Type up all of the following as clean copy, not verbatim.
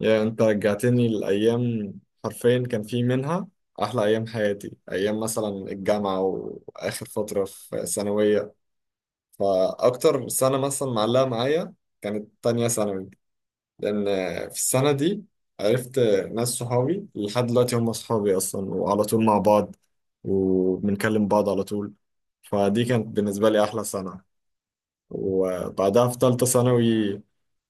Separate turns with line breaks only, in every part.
يا انت رجعتني لأيام. حرفيا كان في منها أحلى أيام حياتي، أيام مثلا الجامعة وآخر فترة في ثانوية. فأكتر سنة مثلا معلقة معايا كانت تانية ثانوي، لأن في السنة دي عرفت ناس صحابي لحد دلوقتي هم صحابي أصلا، وعلى طول مع بعض وبنكلم بعض على طول. فدي كانت بالنسبة لي أحلى سنة. وبعدها في تالتة ثانوي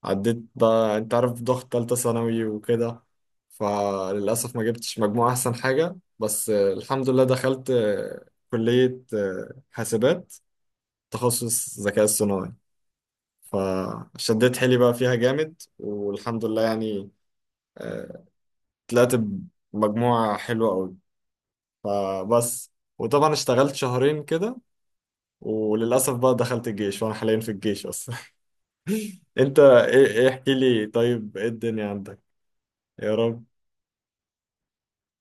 عديت بقى، انت عارف ضغط تالتة ثانوي وكده. فللأسف ما جبتش مجموع أحسن حاجة، بس الحمد لله دخلت كلية حاسبات تخصص ذكاء اصطناعي. فشديت حيلي بقى فيها جامد والحمد لله يعني، آه، طلعت بمجموعة حلوة أوي. فبس. وطبعا اشتغلت شهرين كده، وللأسف بقى دخلت الجيش وأنا حاليا في الجيش أصلا. انت ايه- ايه، احكي لي طيب، ايه الدنيا عندك؟ يا رب.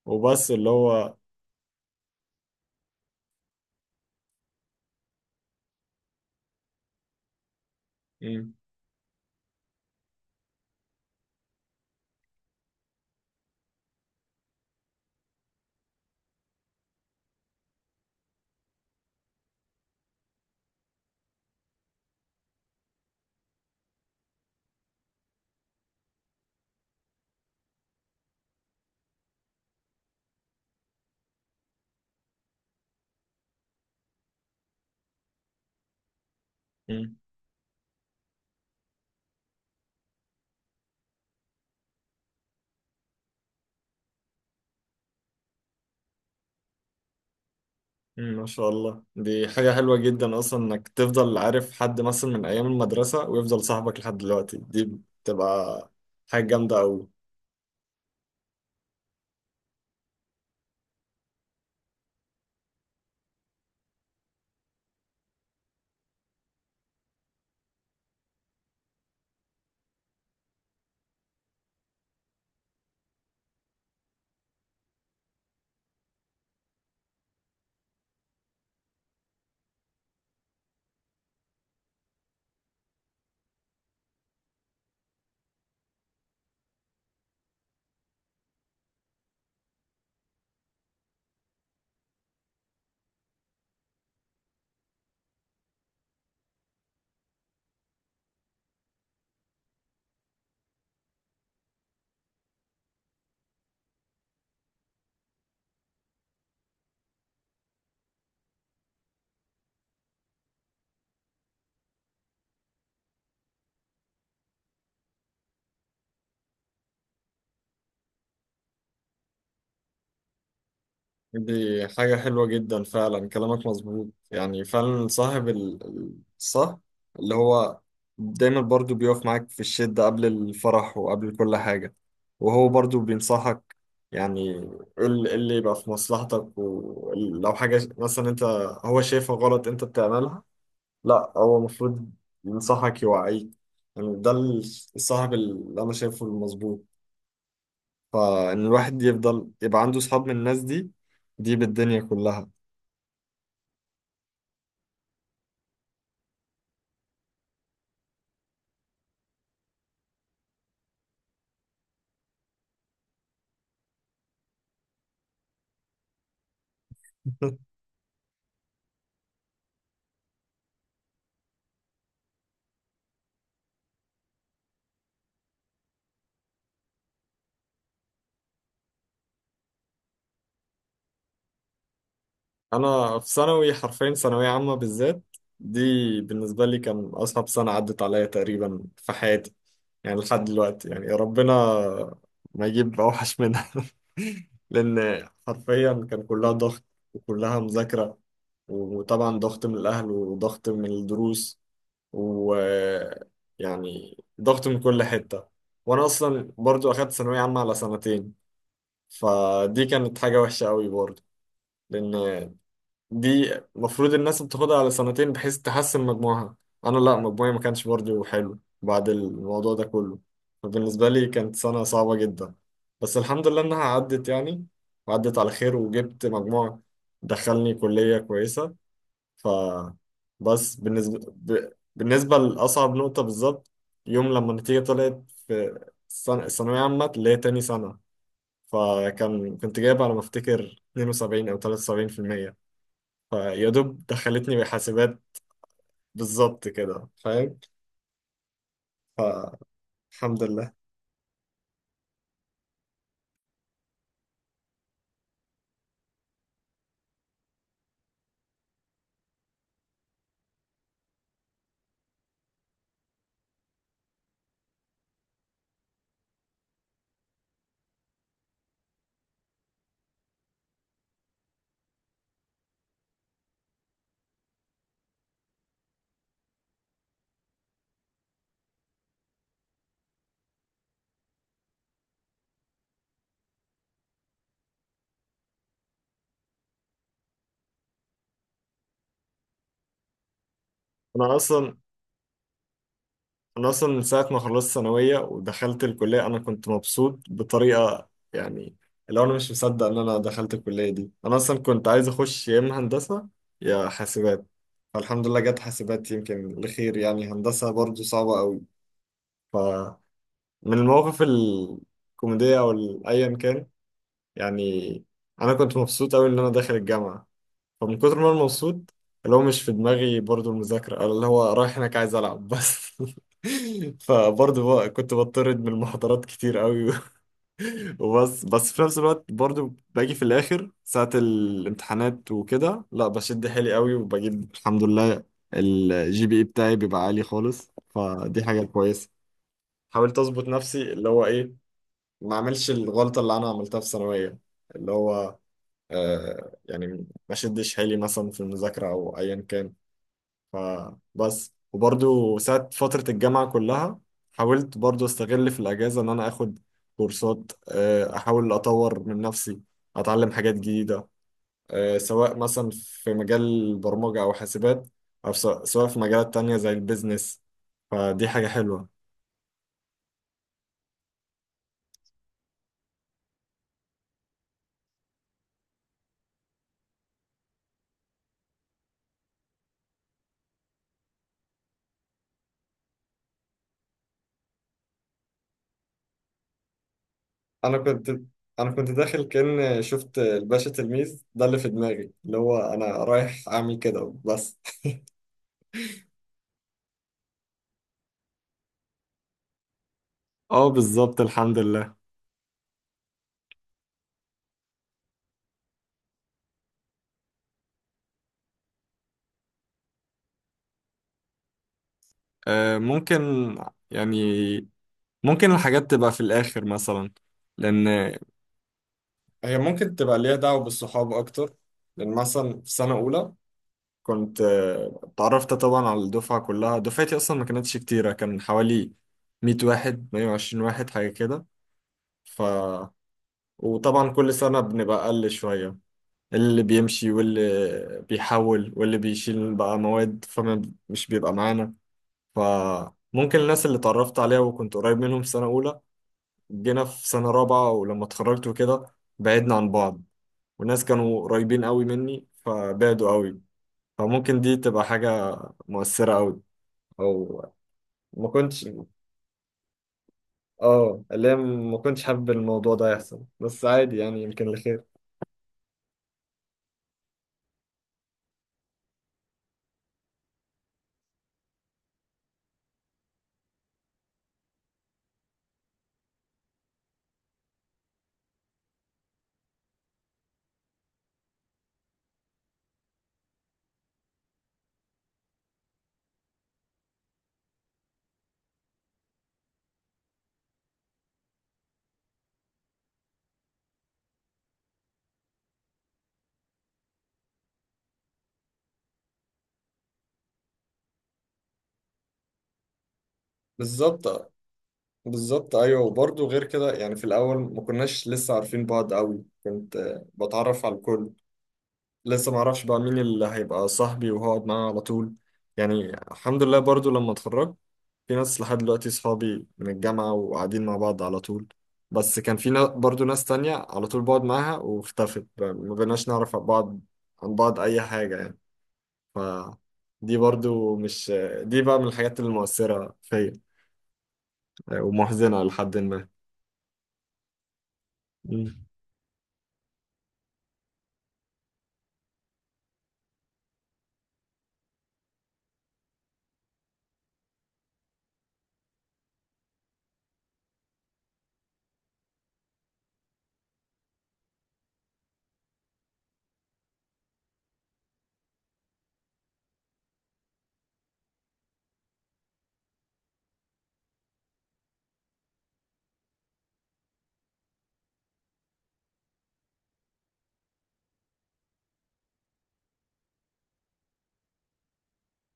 وبس اللي هو مم، مم، ما شاء الله، دي حاجة حلوة جدا اصلا انك تفضل عارف حد مثلا من ايام المدرسة ويفضل صاحبك لحد دلوقتي، دي بتبقى حاجة جامدة اوي. دي حاجة حلوة جدا فعلا، كلامك مظبوط يعني، فعلا صاحب الصح اللي هو دايما برضو بيقف معاك في الشدة قبل الفرح وقبل كل حاجة. وهو برضو بينصحك يعني، اللي يبقى في مصلحتك، ولو حاجة مثلا انت هو شايفها غلط انت بتعملها، لا هو المفروض ينصحك يوعيك. يعني ده الصاحب اللي انا شايفه المظبوط، فان الواحد يفضل يبقى عنده صحاب من الناس دي، دي بالدنيا كلها. انا في ثانوي حرفيا، ثانويه عامه بالذات دي، بالنسبه لي كان اصعب سنه عدت عليا تقريبا في حياتي. يعني لحد دلوقتي يعني ربنا ما يجيب اوحش منها. لان حرفيا كان كلها ضغط وكلها مذاكره، وطبعا ضغط من الاهل وضغط من الدروس و، يعني ضغط من كل حته. وانا اصلا برضو اخدت ثانويه عامه على سنتين، فدي كانت حاجه وحشه قوي برضو، لان دي المفروض الناس بتاخدها على سنتين بحيث تحسن مجموعها. انا لا، مجموعي ما كانش برضه حلو بعد الموضوع ده كله. فبالنسبة لي كانت سنة صعبة جدا، بس الحمد لله انها عدت يعني، وعدت على خير وجبت مجموع دخلني كلية كويسة. ف، بس بالنسبة بالنسبة لأصعب نقطة بالظبط، يوم لما النتيجة طلعت في السنة الثانوية عامة اللي هي تاني سنة، فكان كنت جايب على ما افتكر 72 او 73%، فيا دوب دخلتني بحاسبات بالظبط كده فاهم. فالحمد لله. انا اصلا انا اصلا من ساعه ما خلصت ثانويه ودخلت الكليه انا كنت مبسوط بطريقه يعني، اللي هو انا مش مصدق ان انا دخلت الكليه دي. انا اصلا كنت عايز اخش يا اما هندسه يا حاسبات، فالحمد لله جت حاسبات يمكن لخير يعني، هندسه برضو صعبه قوي. فمن المواقف الكوميديه او ايا كان يعني، انا كنت مبسوط قوي ان انا داخل الجامعه، فمن كتر ما انا مبسوط، اللي هو مش في دماغي برضو المذاكرة أو اللي هو رايح هناك عايز ألعب بس. فبرضو بقى كنت بطرد من المحاضرات كتير قوي. وبس في نفس الوقت برضو باجي في الآخر ساعة الامتحانات وكده، لا بشد حيلي قوي وبجيب الحمد لله الجي بي اي بتاعي بيبقى عالي خالص، فدي حاجة كويسة. حاولت أظبط نفسي اللي هو إيه، ما أعملش الغلطة اللي أنا عملتها في ثانوية، اللي هو يعني ما شدش حيلي مثلا في المذاكرة أو أيا كان. فبس. وبرضو ساعة فترة الجامعة كلها حاولت برضو استغل في الأجازة إن أنا آخد كورسات، أحاول أطور من نفسي، أتعلم حاجات جديدة، سواء مثلا في مجال البرمجة أو حاسبات، أو سواء في مجالات تانية زي البيزنس. فدي حاجة حلوة. انا كنت انا كنت داخل كأن شفت الباشا تلميذ ده اللي في دماغي، اللي هو انا رايح اعمل كده بس. اه بالظبط الحمد لله. آه، ممكن يعني، ممكن الحاجات تبقى في الآخر مثلا، لأن هي ممكن تبقى ليها دعوة بالصحاب أكتر. لأن مثلا في سنة أولى كنت اتعرفت طبعا على الدفعة كلها، دفعتي أصلا ما كانتش كتيرة، كان حوالي 100 واحد 120 واحد حاجة كده. ف، وطبعا كل سنة بنبقى أقل شوية، اللي بيمشي واللي بيحول واللي بيشيل بقى مواد فمش بيبقى معانا. فممكن الناس اللي اتعرفت عليها وكنت قريب منهم في سنة أولى، جينا في سنة رابعة ولما اتخرجت وكده بعدنا عن بعض، وناس كانوا قريبين قوي مني فبعدوا قوي، فممكن دي تبقى حاجة مؤثرة قوي. أو ما كنتش، اه اللي هي ما كنتش حابب الموضوع ده يحصل، بس عادي يعني يمكن لخير. بالظبط، بالظبط ايوه. وبرضه غير كده يعني، في الاول ما كناش لسه عارفين بعض قوي، كنت بتعرف على الكل، لسه ما اعرفش بقى مين اللي هيبقى صاحبي وهقعد معاه على طول. يعني الحمد لله برضو لما اتخرجت في ناس لحد دلوقتي صحابي من الجامعة وقاعدين مع بعض على طول. بس كان في برضو ناس تانية على طول بقعد معاها واختفت بقى، ما بقيناش نعرف عن بعض عن بعض أي حاجة يعني. ف، دي برضو مش، دي بقى من الحاجات المؤثرة فيا ومحزنة لحد ما. مم.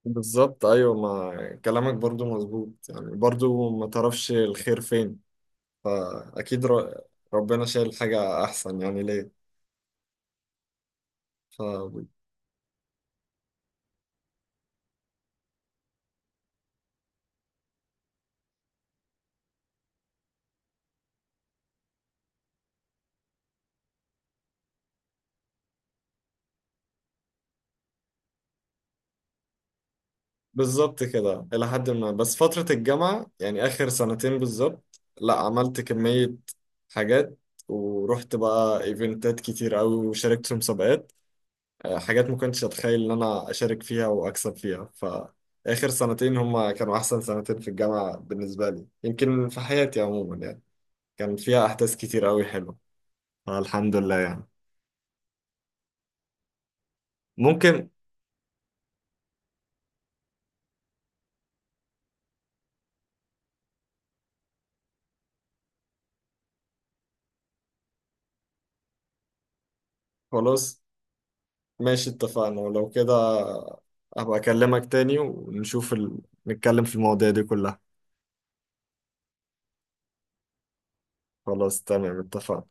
بالظبط أيوة، ما كلامك برضو مظبوط يعني، برضو ما تعرفش الخير فين، فأكيد ربنا شايل حاجة أحسن يعني ليه. ف- بالظبط كده إلى حد ما، بس فترة الجامعة يعني آخر سنتين بالظبط لا عملت كمية حاجات، ورحت بقى إيفنتات كتير أوي وشاركت في مسابقات، حاجات ما كنتش أتخيل إن أنا أشارك فيها وأكسب فيها. فآخر سنتين هما كانوا أحسن سنتين في الجامعة بالنسبة لي، يمكن في حياتي عموما يعني، كان فيها أحداث كتير أوي حلوة، فالحمد لله يعني. ممكن. خلاص ماشي اتفقنا، ولو كده هبقى اكلمك تاني ونشوف نتكلم في المواضيع دي كلها. خلاص تمام اتفقنا.